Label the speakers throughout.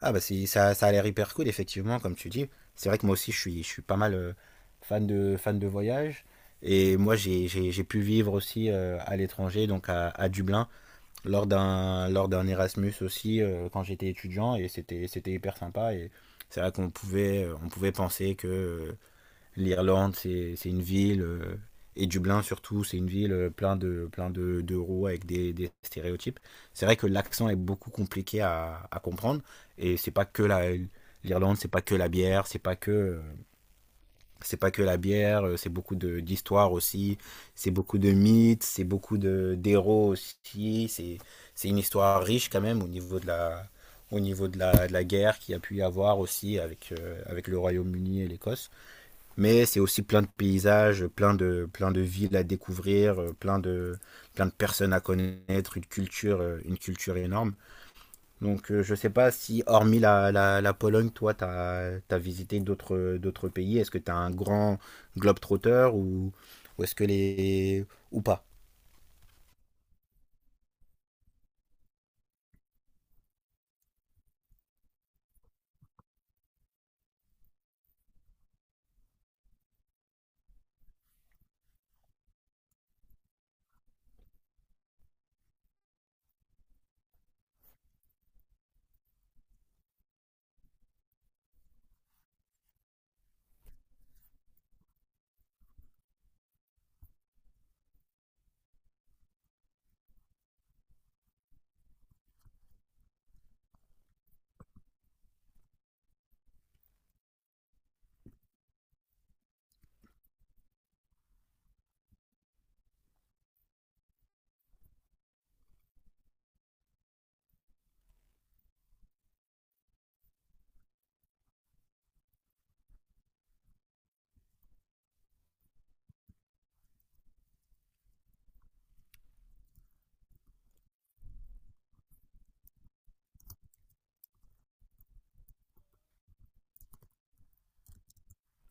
Speaker 1: Ah bah c'est ça, ça a l'air hyper cool effectivement comme tu dis. C'est vrai que moi aussi je suis pas mal fan de voyage. Et moi j'ai pu vivre aussi à l'étranger, donc à Dublin, lors d'un Erasmus aussi quand j'étais étudiant et c'était hyper sympa. Et c'est vrai qu'on pouvait, on pouvait penser que l'Irlande, c'est une ville, et Dublin surtout, c'est une ville de roues avec des stéréotypes. C'est vrai que l'accent est beaucoup compliqué à comprendre, et c'est pas que la, l'Irlande, c'est pas que la bière, c'est pas que la bière, c'est beaucoup d'histoire aussi, c'est beaucoup de mythes, c'est beaucoup d'héros aussi, c'est une histoire riche quand même au niveau au niveau de la guerre qu'il y a pu y avoir aussi avec, avec le Royaume-Uni et l'Écosse. Mais c'est aussi plein de paysages, plein de villes à découvrir, plein de personnes à connaître, une culture énorme. Donc je sais pas si, hormis la Pologne, toi, tu as visité d'autres pays. Est-ce que tu as un grand globetrotter ou est-ce que les... ou pas?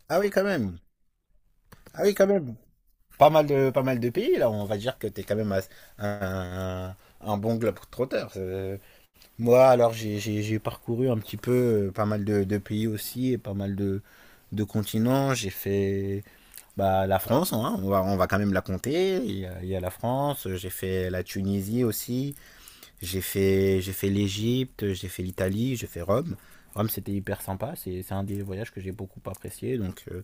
Speaker 1: Ah oui, quand même. Ah oui, quand même. Pas mal de pays, là. On va dire que tu es quand même un, un bon globetrotter. Moi, alors, j'ai parcouru un petit peu pas mal de pays aussi et pas mal de continents. J'ai fait bah, la France, hein, on va quand même la compter. Il y a la France, j'ai fait la Tunisie aussi, j'ai fait l'Égypte, j'ai fait l'Italie, j'ai fait Rome. Rome, c'était hyper sympa. C'est un des voyages que j'ai beaucoup apprécié. Donc,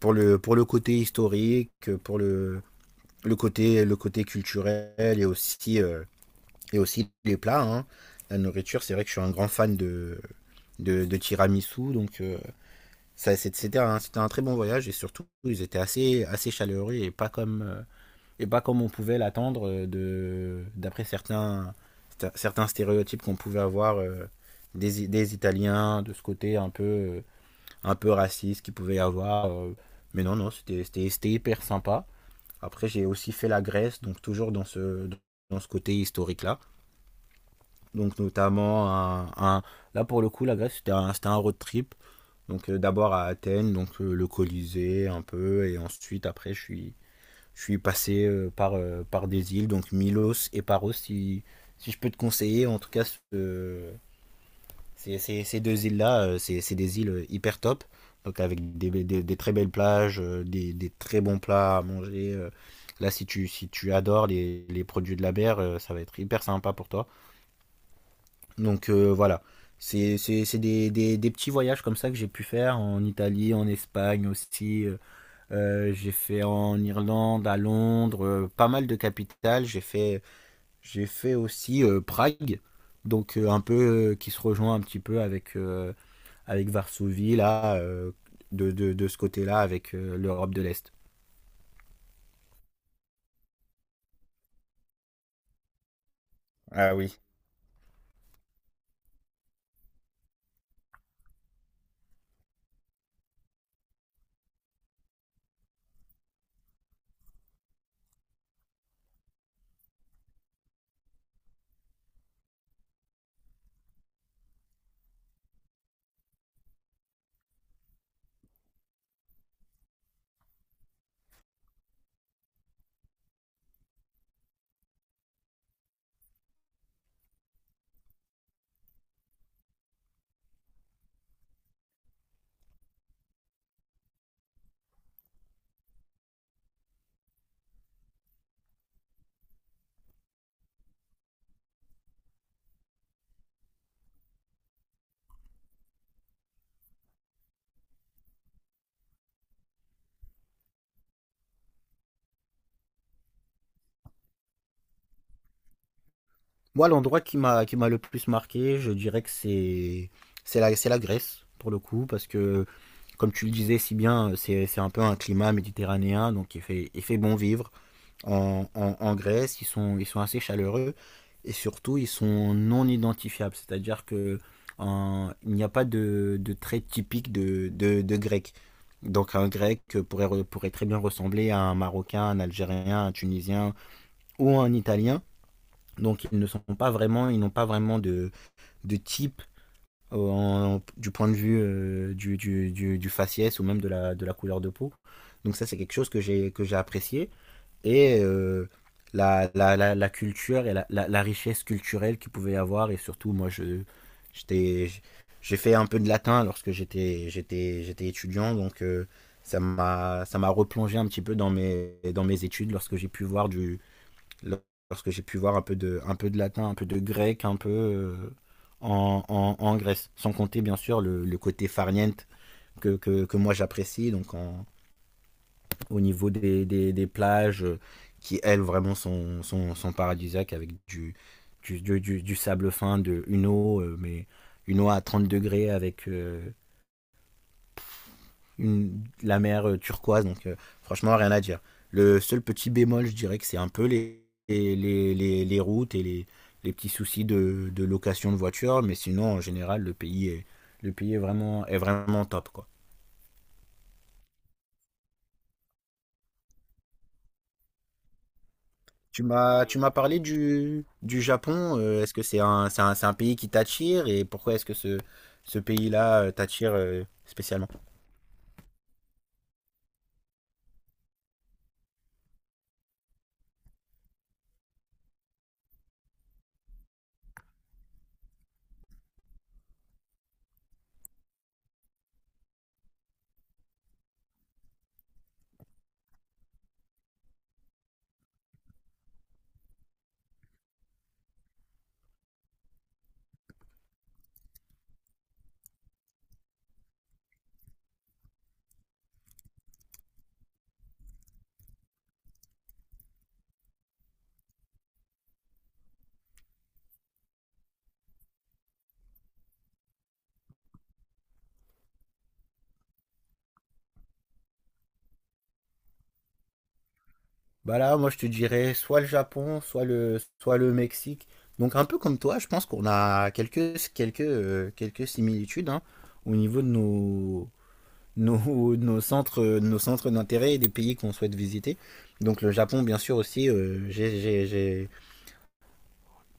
Speaker 1: pour le côté historique, pour le, le côté culturel et aussi, et aussi les plats, hein. La nourriture, c'est vrai que je suis un grand fan de tiramisu. Donc, ça, c'était un très bon voyage. Et surtout, ils étaient assez chaleureux et pas comme on pouvait l'attendre d'après certains, certains stéréotypes qu'on pouvait avoir des, des Italiens, de ce côté un peu raciste qu'il pouvait y avoir, mais non, c'était hyper sympa. Après, j'ai aussi fait la Grèce, donc toujours dans ce côté historique-là. Donc notamment là pour le coup la Grèce c'était un road trip. Donc d'abord à Athènes, donc le Colisée un peu et ensuite après je suis passé par des îles donc Milos et Paros, si je peux te conseiller en tout cas ces deux îles là, c'est des îles hyper top. Donc avec des, des très belles plages, des très bons plats à manger, Là si tu adores les produits de la mer, ça va être hyper sympa pour toi. Donc voilà, c'est des, des petits voyages comme ça que j'ai pu faire en Italie, en Espagne aussi. J'ai fait en Irlande, à Londres, pas mal de capitales. J'ai fait aussi Prague, donc un peu qui se rejoint un petit peu avec, avec Varsovie, là, de ce côté-là, avec l'Europe de l'Est. Ah oui. Moi, l'endroit qui m'a le plus marqué, je dirais que c'est la Grèce pour le coup, parce que comme tu le disais si bien, c'est un peu un climat méditerranéen, donc il fait bon vivre. En Grèce, ils sont assez chaleureux, et surtout, ils sont non identifiables, c'est-à-dire que il n'y a pas de trait typique de grec. Donc un grec pourrait, pourrait très bien ressembler à un Marocain, un Algérien, un Tunisien ou un Italien. Donc ils ne sont pas vraiment, ils n'ont pas vraiment de type du point de vue du faciès ou même de de la couleur de peau. Donc ça, c'est quelque chose que j'ai apprécié. Et la culture et la richesse culturelle qu'il pouvait y avoir. Et surtout, j'étais, j'ai fait un peu de latin lorsque j'étais étudiant. Donc ça m'a replongé un petit peu dans mes études lorsque j'ai pu voir lorsque j'ai pu voir un peu, un peu de latin, un peu de grec, un peu en Grèce. Sans compter, bien sûr, le côté farniente que moi j'apprécie, donc au niveau des, plages qui, elles, vraiment sont paradisiaques avec du sable fin, une eau, mais une eau à 30 degrés avec la mer turquoise, donc franchement, rien à dire. Le seul petit bémol, je dirais que c'est un peu les, les routes et les petits soucis de location de voiture, mais sinon, en général, le pays est vraiment top, quoi. Tu m'as parlé du Japon. Est-ce que c'est un pays qui t'attire, et pourquoi est-ce que ce pays-là t'attire spécialement? Bah là, moi, je te dirais soit le Japon, soit soit le Mexique. Donc, un peu comme toi, je pense qu'on a quelques similitudes, hein, au niveau de nos, nos, nos centres d'intérêt et des pays qu'on souhaite visiter. Donc, le Japon, bien sûr, aussi,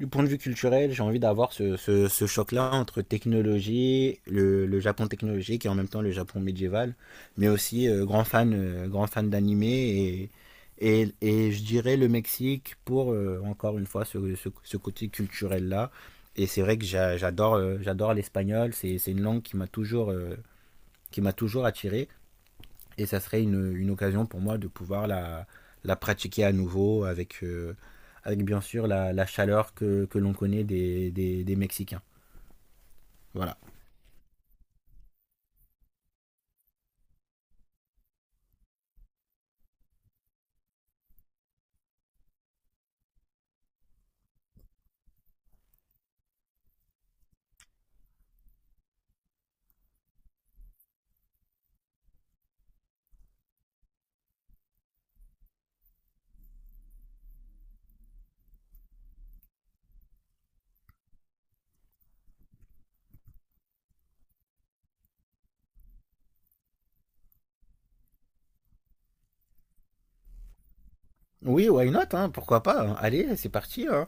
Speaker 1: du point de vue culturel, j'ai envie d'avoir ce choc-là entre technologie, le Japon technologique, et en même temps le Japon médiéval, mais aussi grand fan d'anime, et je dirais le Mexique pour encore une fois ce côté culturel-là. Et c'est vrai que j'adore, j'adore l'espagnol, c'est une langue qui m'a toujours attiré. Et ça serait une occasion pour moi de pouvoir la pratiquer à nouveau avec, avec bien sûr la chaleur que l'on connaît des, des Mexicains. Voilà. Oui, why not, hein, pourquoi pas, hein. Allez, c'est parti, hein.